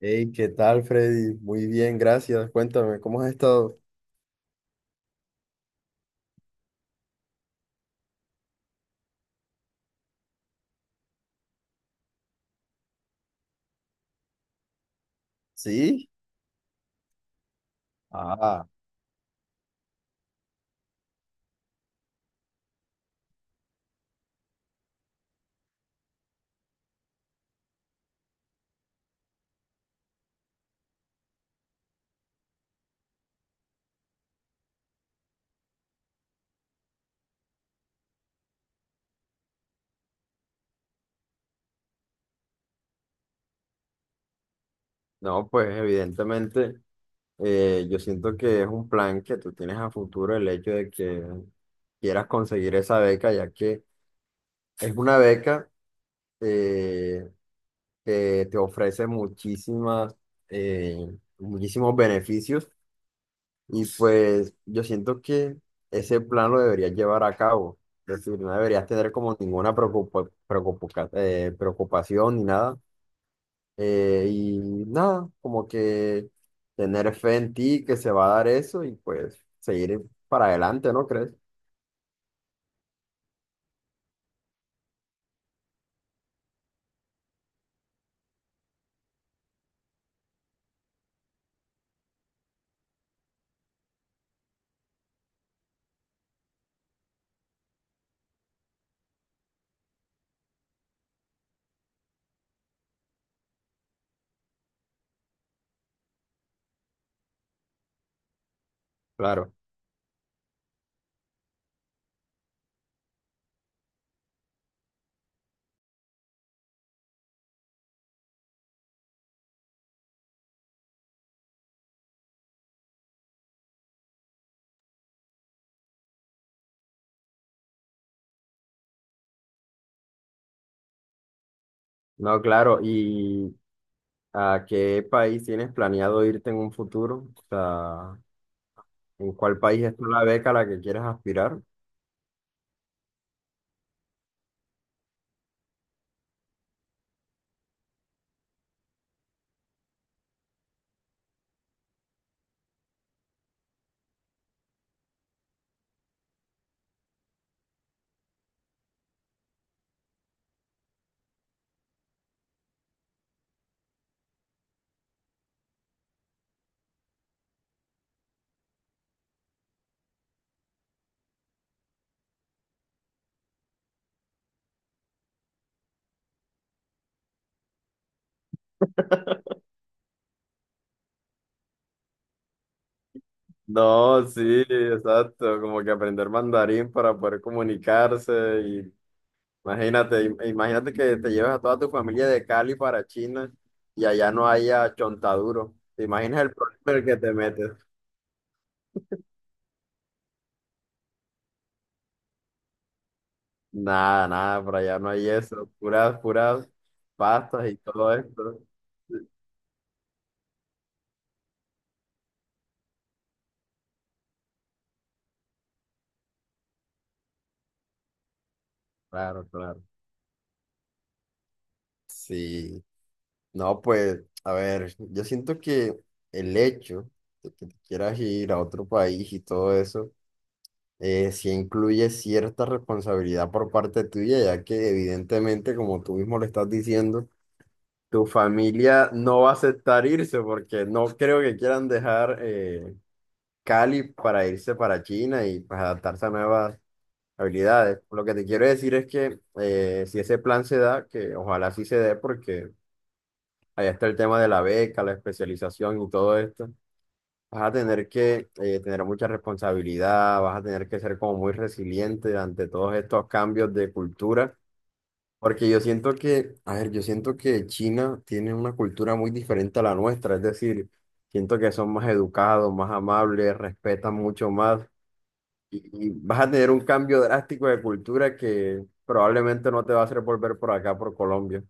Hey, ¿qué tal, Freddy? Muy bien, gracias. Cuéntame, ¿cómo has estado? ¿Sí? Ah, no, pues evidentemente yo siento que es un plan que tú tienes a futuro el hecho de que quieras conseguir esa beca, ya que es una beca eh, que te ofrece muchísimas, muchísimos beneficios. Y pues yo siento que ese plan lo deberías llevar a cabo. Es decir, no deberías tener como ninguna preocupación ni nada. Y nada, como que tener fe en ti que se va a dar eso y pues seguir para adelante, ¿no crees? Claro. No, claro. ¿Y a qué país tienes planeado irte en un futuro? O sea, ¿en cuál país es tú la beca a la que quieres aspirar? No, sí, exacto, como que aprender mandarín para poder comunicarse y imagínate que te lleves a toda tu familia de Cali para China y allá no haya chontaduro. ¿Te imaginas el problema en el que te metes? Nada, nada, por allá no hay eso, puras pastas y todo esto. Claro, claro. Sí, no, pues, a ver, yo siento que el hecho de que te quieras ir a otro país y todo eso, sí incluye cierta responsabilidad por parte tuya, ya que evidentemente, como tú mismo le estás diciendo, tu familia no va a aceptar irse porque no creo que quieran dejar, Cali, para irse para China y pues adaptarse a nuevas habilidades. Lo que te quiero decir es que, si ese plan se da, que ojalá sí se dé porque ahí está el tema de la beca, la especialización y todo esto. Vas a tener que, tener mucha responsabilidad, vas a tener que ser como muy resiliente ante todos estos cambios de cultura, porque yo siento que, a ver, yo siento que China tiene una cultura muy diferente a la nuestra, es decir, siento que son más educados, más amables, respetan mucho más, y vas a tener un cambio drástico de cultura que probablemente no te va a hacer volver por acá, por Colombia.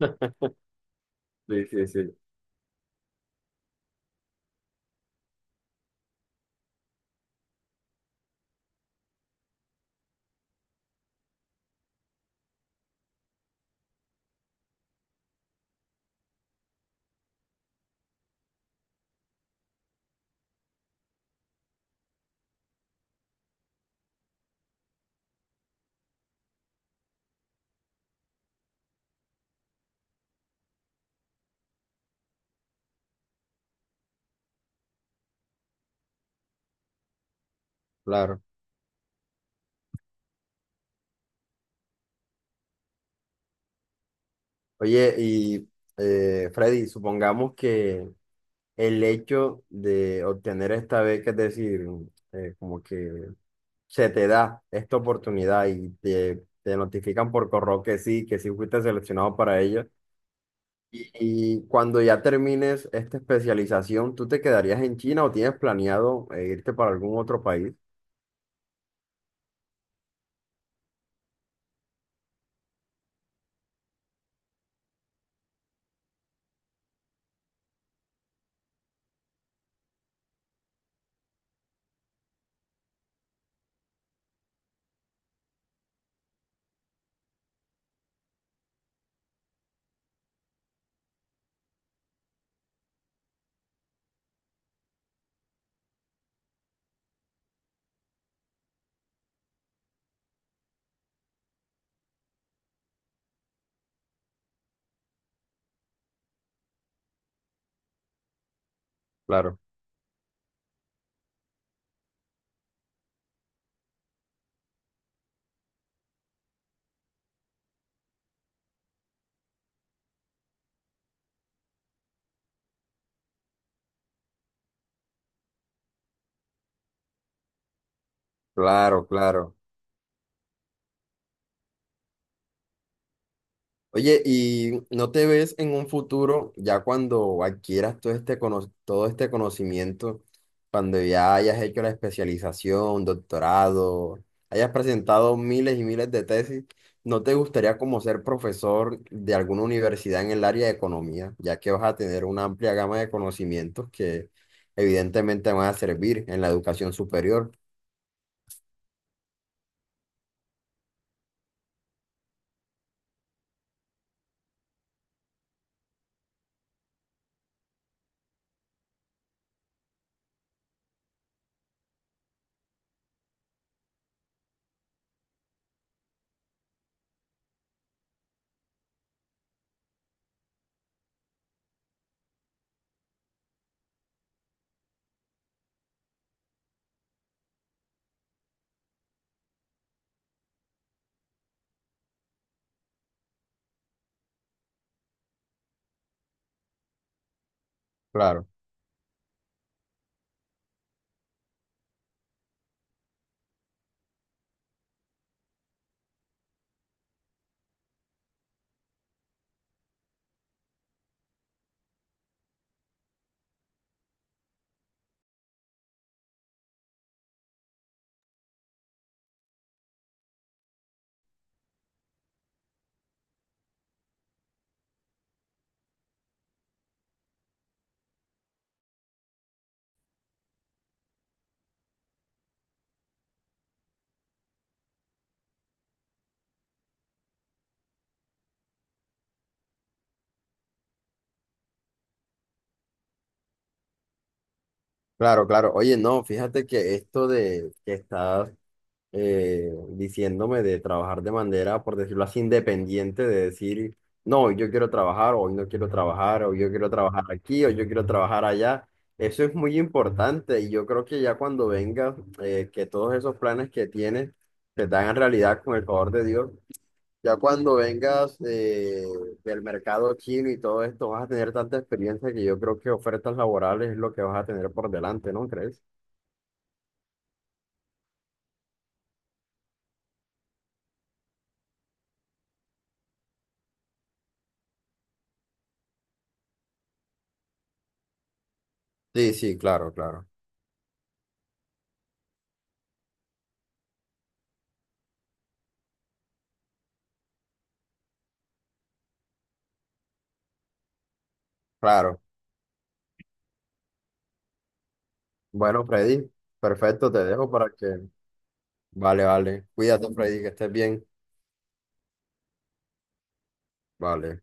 Sí, sí, sí. Claro. Oye, y Freddy, supongamos que el hecho de obtener esta beca, es decir, como que se te da esta oportunidad y te notifican por correo que sí fuiste seleccionado para ella. Y cuando ya termines esta especialización, ¿tú te quedarías en China o tienes planeado irte para algún otro país? Claro, claro, claro. Oye, ¿y no te ves en un futuro, ya cuando adquieras todo todo este conocimiento, cuando ya hayas hecho la especialización, doctorado, hayas presentado miles y miles de tesis, no te gustaría como ser profesor de alguna universidad en el área de economía, ya que vas a tener una amplia gama de conocimientos que evidentemente van a servir en la educación superior? Claro, claro, claro. Oye, no, fíjate que esto de que estás, diciéndome de trabajar de manera, por decirlo así, independiente, de decir, no, hoy yo quiero trabajar, hoy no quiero trabajar, hoy yo quiero trabajar aquí, hoy yo quiero trabajar allá. Eso es muy importante y yo creo que ya cuando vengas, que todos esos planes que tienes se te hagan realidad con el favor de Dios. Ya cuando vengas, del mercado chino y todo esto, vas a tener tanta experiencia que yo creo que ofertas laborales es lo que vas a tener por delante, ¿no crees? Sí, sí, claro, claro. Claro. Bueno, Freddy, perfecto, te dejo para que... Vale, vale. Cuídate, Freddy, que estés bien. Vale.